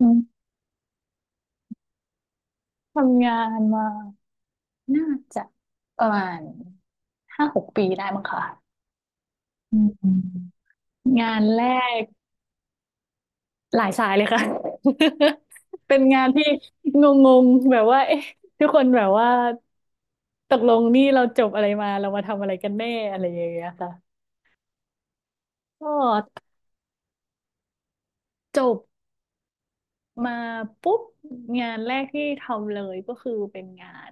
อืมทำงานมาน่าจะประมาณ5-6 ปีได้มั้งค่ะอืมงานแรกหลายสายเลยค่ะ เป็นงานที่งงๆแบบว่าเอ๊ะทุกคนแบบว่าตกลงนี่เราจบอะไรมาเรามาทำอะไรกันแน่อะไรอย่างเงี้ยค่ะก็จบมาปุ๊บงานแรกที่ทำเลยก็คือเป็นงาน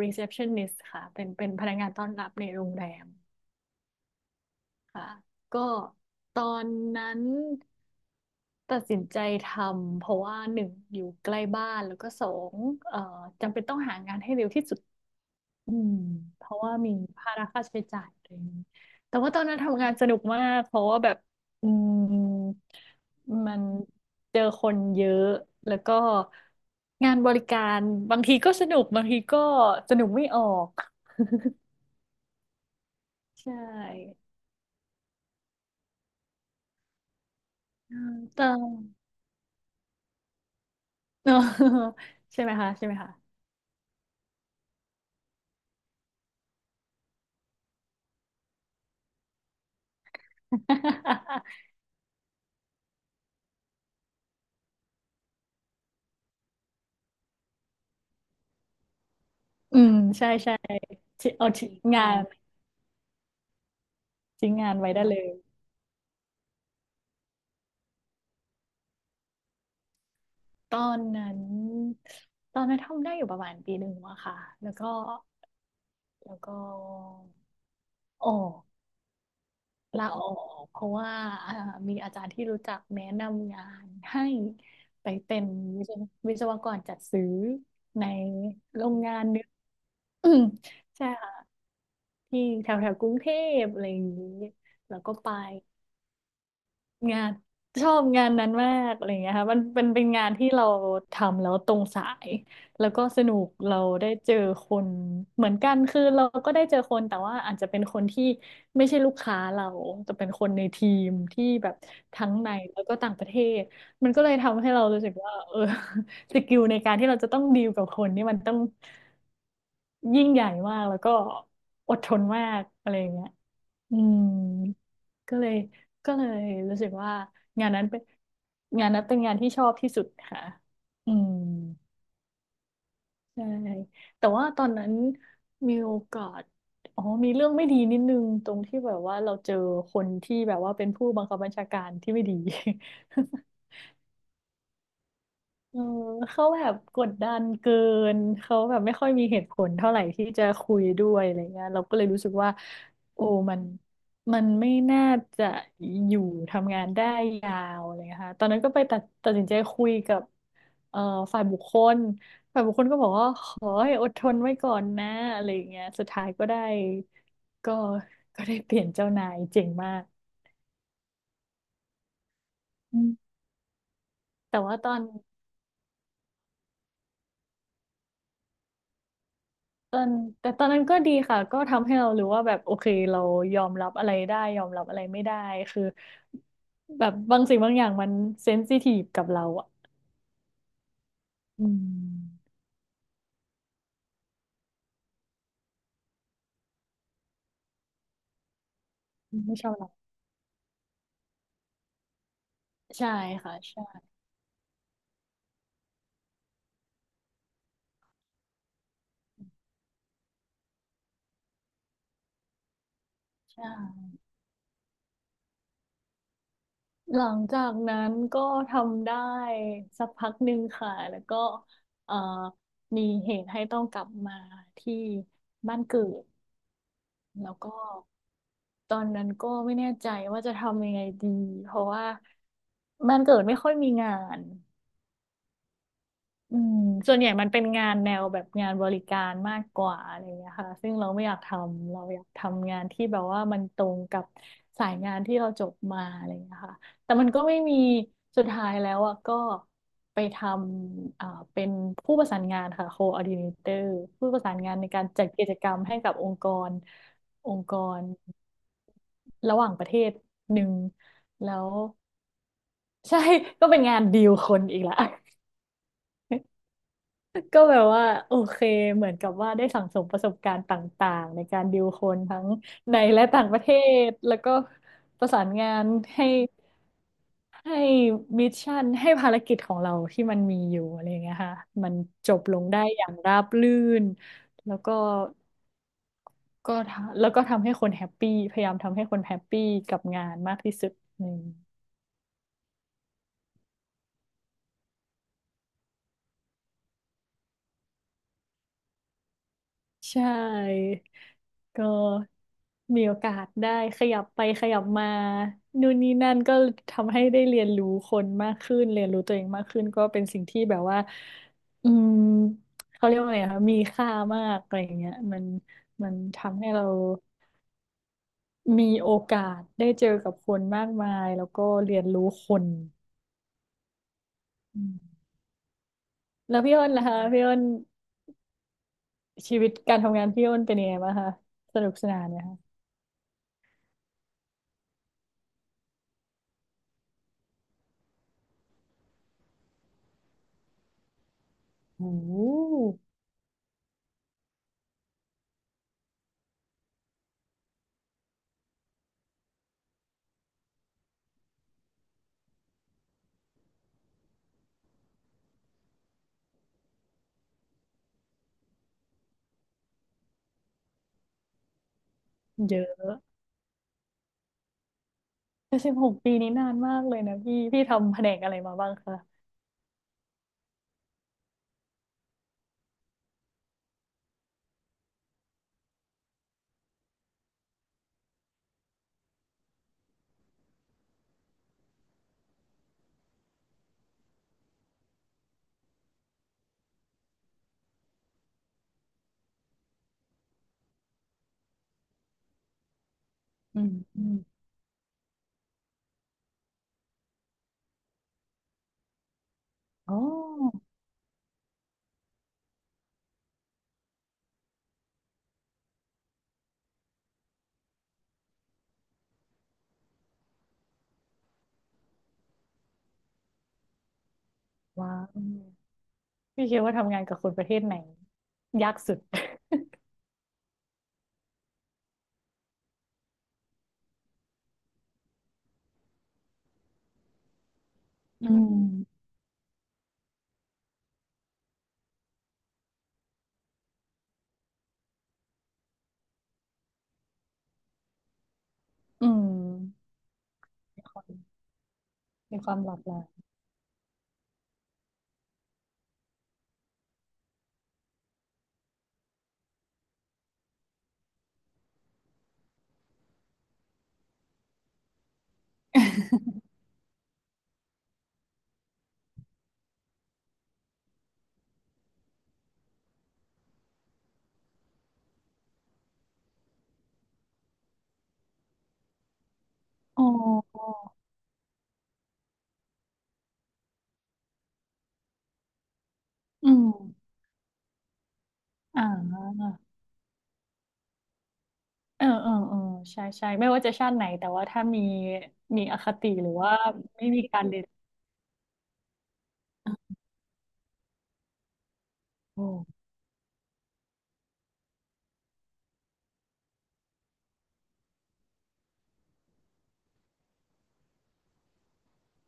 receptionist ค่ะเป็นพนักงานต้อนรับในโรงแรม ค่ะก็ตอนนั้นตัดสินใจทำเพราะว่าหนึ่งอยู่ใกล้บ้านแล้วก็สองเอ่อจำเป็นต้องหางานให้เร็วที่สุดอืมเพราะว่ามีภาระค่าใช้จ่ายอะไรอย่างนี้แต่ว่าตอนนั้นทำงานสนุกมากเพราะว่าแบบอืมมันเจอคนเยอะแล้วก็งานบริการบางทีก็สนุกบางทีก็สนุกไม่ออกใช่อืมแต่ ใช่ไหมคะใช่ไหมคะ อืมใช่ใช่ที่เอาทิ้งงานทิ้งงานไว้ได้เลยตอนนั้นตอนนั้นทำได้อยู่ประมาณ1 ปีอะค่ะแล้วก็แล้วก็ออกลาออกเพราะว่าอ่ามีอาจารย์ที่รู้จักแนะนำงานให้ไปเป็นวิศววิศวกรจัดซื้อในโรงงานหนึง อืมใช่ค่ะที่แถวแถวกรุงเทพอะไรอย่างนี้แล้วก็ไป งานชอบงานนั้นมากอะไรอย่างเงี้ยค่ะมันเป็นงานที่เราทำแล้วตรงสายแล้วก็สนุกเราได้เจอคนเหมือนกันคือเราก็ได้เจอคนแต่ว่าอาจจะเป็นคนที่ไม่ใช่ลูกค้าเราแต่เป็นคนในทีมที่แบบทั้งในแล้วก็ต่างประเทศมันก็เลยทำให้เรารู้สึกว่าเออ สกิลในการที่เราจะต้องดีลกับคนนี่มันต้องยิ่งใหญ่มากแล้วก็อดทนมากอะไรอย่างเงี้ย อืมก็เลยก็เลยรู้สึกว่างานนั้นเป็นงานนั้นเป็นงานที่ชอบที่สุดค่ะอืมใช่แต่ว่าตอนนั้นมีโอกาสอ๋อมีเรื่องไม่ดีนิดนึงตรงที่แบบว่าเราเจอคนที่แบบว่าเป็นผู้บังคับบัญชาการที่ไม่ดี เออเขาแบบกดดันเกินเขาแบบไม่ค่อยมีเหตุผลเท่าไหร่ที่จะคุยด้วยอะไรเงี้ยเราก็เลยรู้สึกว่าโอ้มันมันไม่น่าจะอยู่ทำงานได้ยาวอะไรเลยค่ะตอนนั้นก็ไปตัดสินใจคุยกับเอ่อฝ่ายบุคคลฝ่ายบุคคลก็บอกว่าขอให้อดทนไว้ก่อนนะอะไรเงี้ยสุดท้ายก็ได้ก็ก็ได้เปลี่ยนเจ้านายเจ๋งมากอืมแต่ว่าตอน ตอนแต่ตอนนั้นก็ดีค่ะก็ทำให้เรารู้ว่าแบบโอเคเรายอมรับอะไรได้ยอมรับอะไรไม่ได้คือแบบบางสิ่งบางอย่างมันเซนซิทีฟกับเราอ่ะอืมไม่ชอบเราใช่ค่ะใช่ใช่หลังจากนั้นก็ทำได้สักพักหนึ่งค่ะแล้วก็เอ่อมีเหตุให้ต้องกลับมาที่บ้านเกิดแล้วก็ ตอนนั้นก็ไม่แน่ใจว่าจะทำยังไงดีเพราะว่าบ้านเกิดไม่ค่อยมีงาน อืมส่วนใหญ่มันเป็นงานแนวแบบงานบริการมากกว่าอะไรอย่างเงี้ยค่ะซึ่งเราไม่อยากทำเราอยากทำงานที่แบบว่ามันตรงกับสายงานที่เราจบมาอะไรอย่างเงี้ยค่ะแต่มันก็ไม่มีสุดท้ายแล้วอ่ะก็ไปทำเป็นผู้ประสานงานค่ะ coordinator ผู้ประสานงานในการจัดกิจกรรมให้กับองค์กรองค์กรระหว่างประเทศหนึ่งแล้วใช่ ก็เป็นงานดีลคนอีกละ ก็แบบว่าโอเคเหมือนกับว่าได้สั่งสมประสบการณ์ต่างๆในการดีลคนทั้งในและต่างประเทศแล้วก็ประสานงานให้ให้มิชชั่นให้ภารกิจของเราที่มันมีอยู่อะไรอย่างเงี้ยค่ะมันจบลงได้อย่างราบรื่นแล้วก็ก็ทำแล้วก็ทำให้คนแฮปปี้พยายามทำให้คนแฮปปี้กับงานมากที่สุดอืม ใช่ก็มีโอกาสได้ขยับไปขยับมานู่นนี่นั่นก็ทำให้ได้เรียนรู้คนมากขึ้นเรียนรู้ตัวเองมากขึ้นก็เป็นสิ่งที่แบบว่าอืมเขาเรียกว่าไงคะมีค่ามากอะไรอย่างเงี้ยมันทำให้เรามีโอกาสได้เจอกับคนมากมายแล้วก็เรียนรู้คนอืมแล้วพี่อ้นล่ะคะพี่อ้นชีวิตการทำงานพี่อ้นเป็นยังไงบ้างคะสนุกสนานไหมคะโอืเยอะ แต่16 ปีนี้นานมากเลยนะพี่พี่ทำแผนกอะไรมาบ้างคะอืมอืมอ๋อว้าวพี่คิดว่าทำงานกับคนประเทศไหนยากสุด อืม อืม มีความมีความหลากหลาย อ๋ออืมอ่าเออเออเออใช่ใช่ไม่ว่าจะชาติไหนแต่ว่าถ้ามี มีอคติหรือว่าไม่มีการเรียนโอ้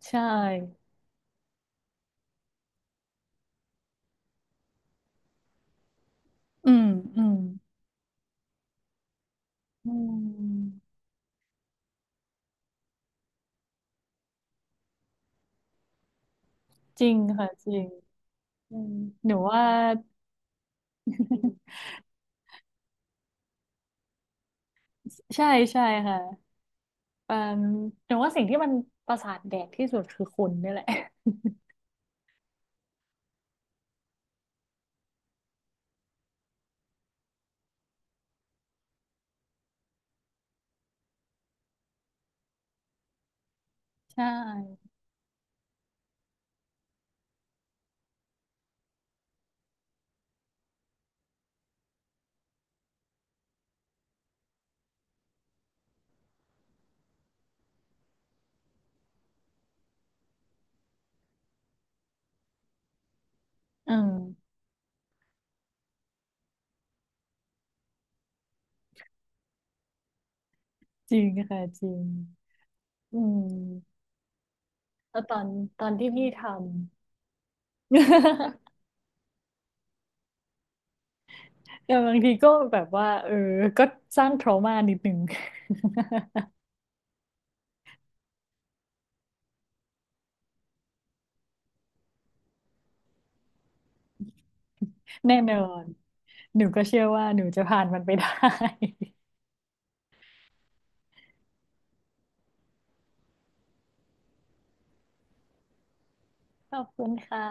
ใช่อืมอืม อืม จริงค่ะจริงอืมหนูว่า ใช่ใช่ค่ะเอ่มหนูว่าสิ่งที่มันประสาทแดกที่สุดคือคนนี่แหละ ใช่อืมจริงค่ะจริงอืมแล้วตอนที่พี่ทำ แต่บางทีก็แบบว่าเออก็สร้าง trauma นิดหนึ่ง แน่นอน หนูก็เชื่อว่าหนูจะผ่านมันไปได้ ขอบคุณค่ะ